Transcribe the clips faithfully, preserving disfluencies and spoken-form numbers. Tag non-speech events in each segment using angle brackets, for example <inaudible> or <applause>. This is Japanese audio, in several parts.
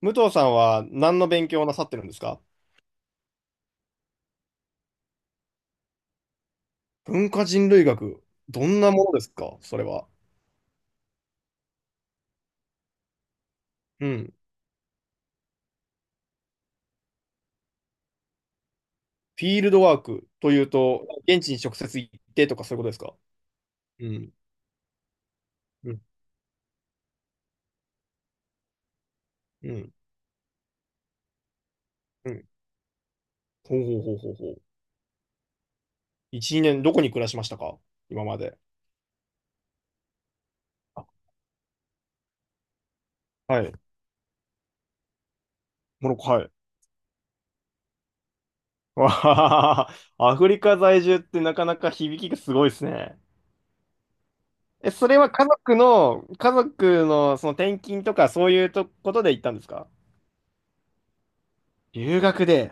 武藤さんは何の勉強をなさってるんですか？文化人類学、どんなものですかそれは。うん。フィールドワークというと、現地に直接行ってとかそういうことですか？うん。うん。うん。うん。ほうほうほうほうほう。一、年、にねんどこに暮らしましたか？今まで。あ、はい。モロッコ、はい。わはははは、アフリカ在住ってなかなか響きがすごいですね。え、それは家族の、家族のその転勤とかそういうとことで行ったんですか？留学で、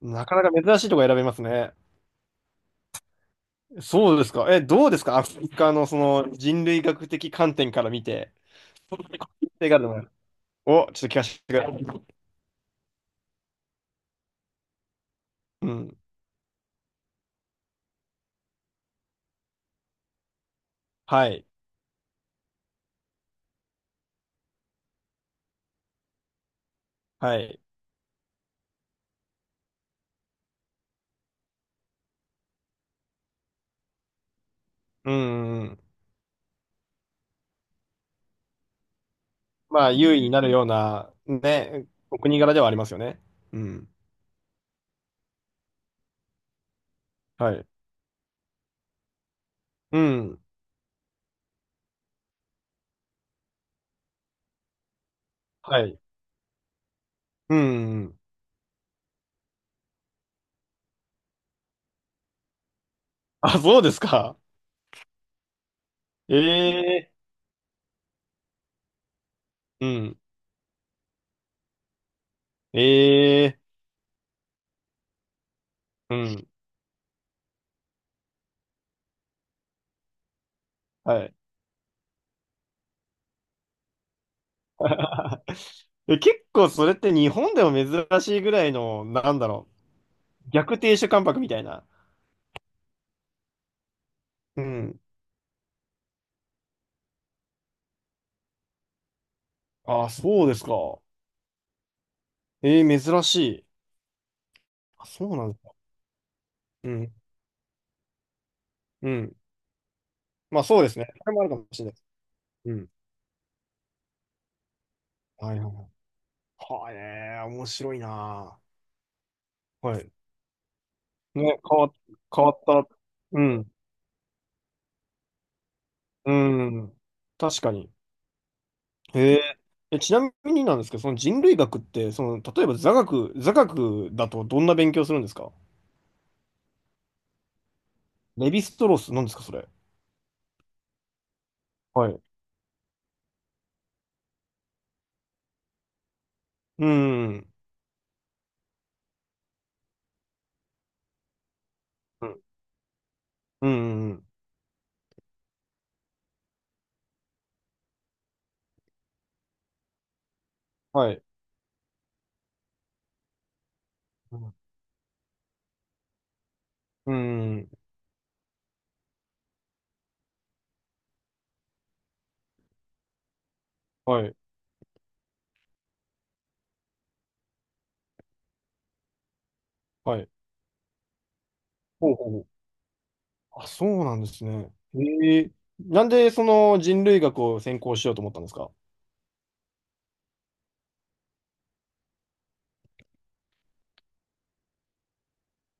なかなか珍しいとこ選べますね。そうですか。え、どうですかアフリカのその人類学的観点から見て。手軽な、お、ちょっと聞かせてください。うん。はい。はい。うん、うん。まあ、優位になるような、ね、お国柄ではありますよね。うん。はい。うん。はい。うん。うん。あ、そうですか。ええ。うん。ええ。うん。はい。<laughs> え、結構それって日本でも珍しいぐらいの、なんだろう、逆亭主関白みたいな。うん。ああ、そうですか。えー、珍しい。あ、そうなんですか。うん。うん。まあそうですね。それもあるかもしれないです。うん。はいはいはい。はあね、面白いなあ。はい。ね、変わっ、変わった。うん。うん。確かに。へえ。え、ちなみになんですけど、その人類学って、その、例えば座学、座学だとどんな勉強するんですか？レヴィストロース、なんですか、それ。はい。うん。うん。うん。はい。うん。はい。はい。ほうほうほう。あ、そうなんですね。ええ。なんでその人類学を専攻しようと思ったんですか？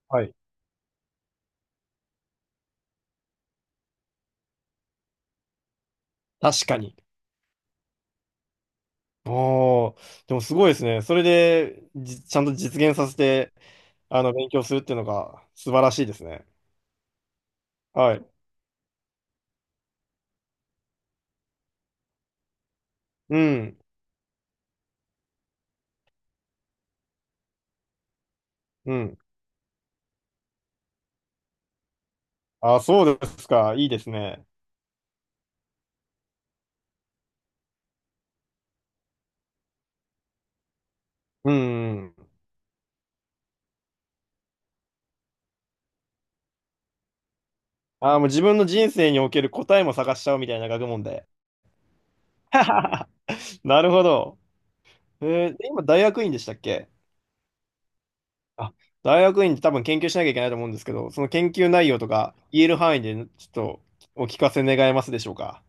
はい。確かに。おー、でもすごいですね。それで、じ、ちゃんと実現させて、あの、勉強するっていうのが素晴らしいですね。はい。うん。うん。あ、そうですか。いいですね。うん。ああ、もう自分の人生における答えも探しちゃおうみたいな学問で。<laughs> なるほど。えー今、大学院でしたっけ？あ、大学院って多分研究しなきゃいけないと思うんですけど、その研究内容とか言える範囲でちょっとお聞かせ願えますでしょうか。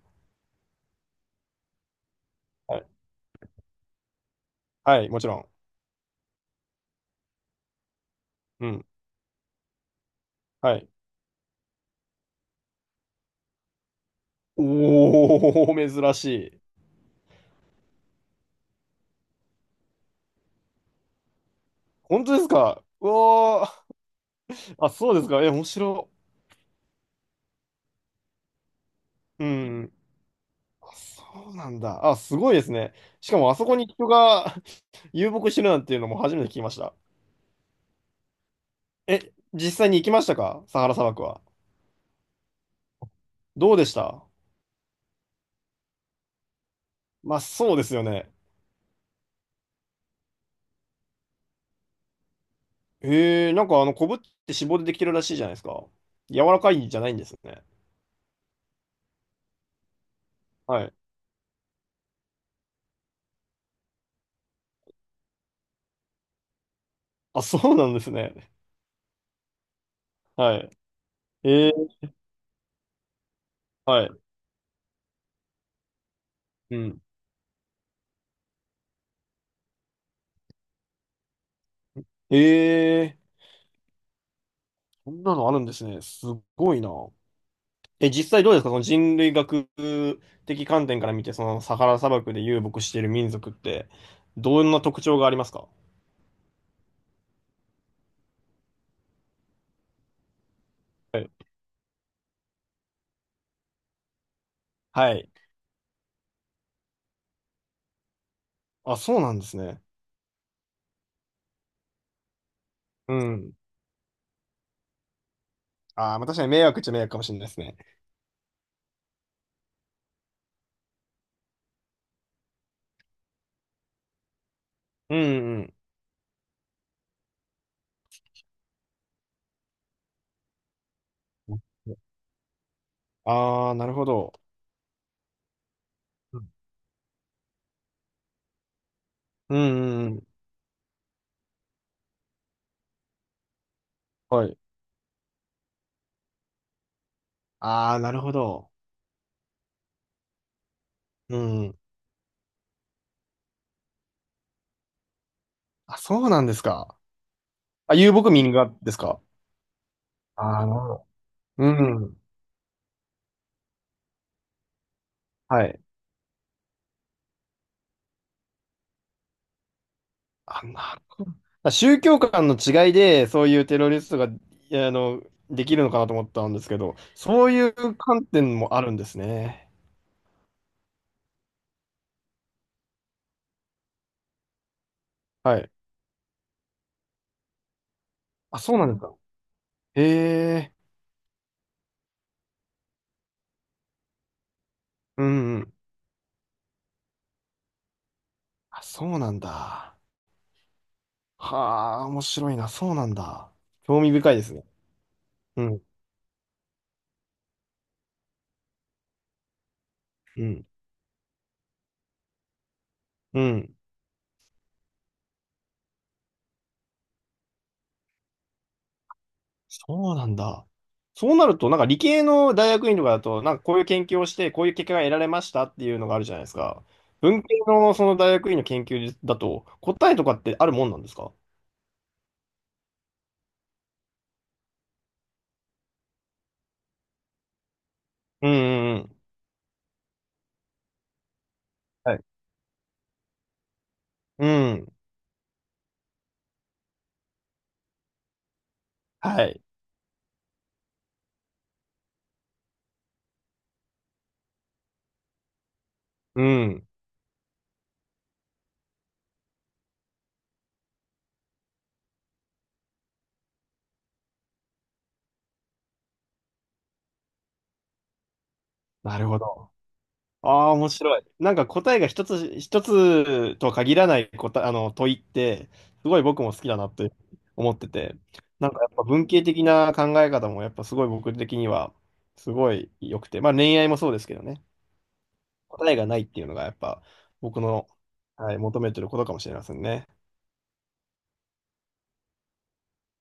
はい、はい、もちろん。うん。はい。おー、珍しい。本当ですか？うわー。あ、そうですか。え、面白。うん。あ、そうなんだ。あ、すごいですね。しかもあそこに人が <laughs> 遊牧してるなんていうのも初めて聞きました。え、実際に行きましたかサハラ砂漠は。どうでした？まあ、そうですよね。えー、なんかあの、コブって脂肪でできてるらしいじゃないですか。柔らかいんじゃないんですね。はい。あ、そうなんですね。はい。えー、はい。うん。えー、そんなのあるんですね。すごいな。え、実際どうですかその人類学的観点から見て、そのサハラ砂漠で遊牧している民族って、どんな特徴がありますか？はい。あ、そうなんですね。うん。あーまあ、確かに迷惑っちゃ迷惑かもしれないですね。うんうん。ああ、なるほど。うんうんうん。はい。ああ、なるほど。うん。あ、そうなんですか。あ、遊牧民がですか？ああ、なるほど。うん。はい。あ、なるほど。あ、宗教観の違いで、そういうテロリストが、いやあの、できるのかなと思ったんですけど、そういう観点もあるんですね。はい。あ、そうなんですか。へえ。うんうん。あ、そうなんだ。はあ、面白いな。そうなんだ。興味深いですね。うん、うん、うん。そうなんだ。そうなると、なんか理系の大学院とかだと、なんかこういう研究をして、こういう結果が得られましたっていうのがあるじゃないですか。文系のその大学院の研究だと、答えとかってあるもんなんですか？うん、うん、うん。はい。うん。はい。うん。なるほど。ああ、面白い。なんか答えが一つ、一つとは限らない答え、あの、問いって、すごい僕も好きだなって思ってて、なんかやっぱ文系的な考え方もやっぱすごい僕的には、すごい良くて、まあ恋愛もそうですけどね、答えがないっていうのがやっぱ僕の、はい、求めてることかもしれませんね。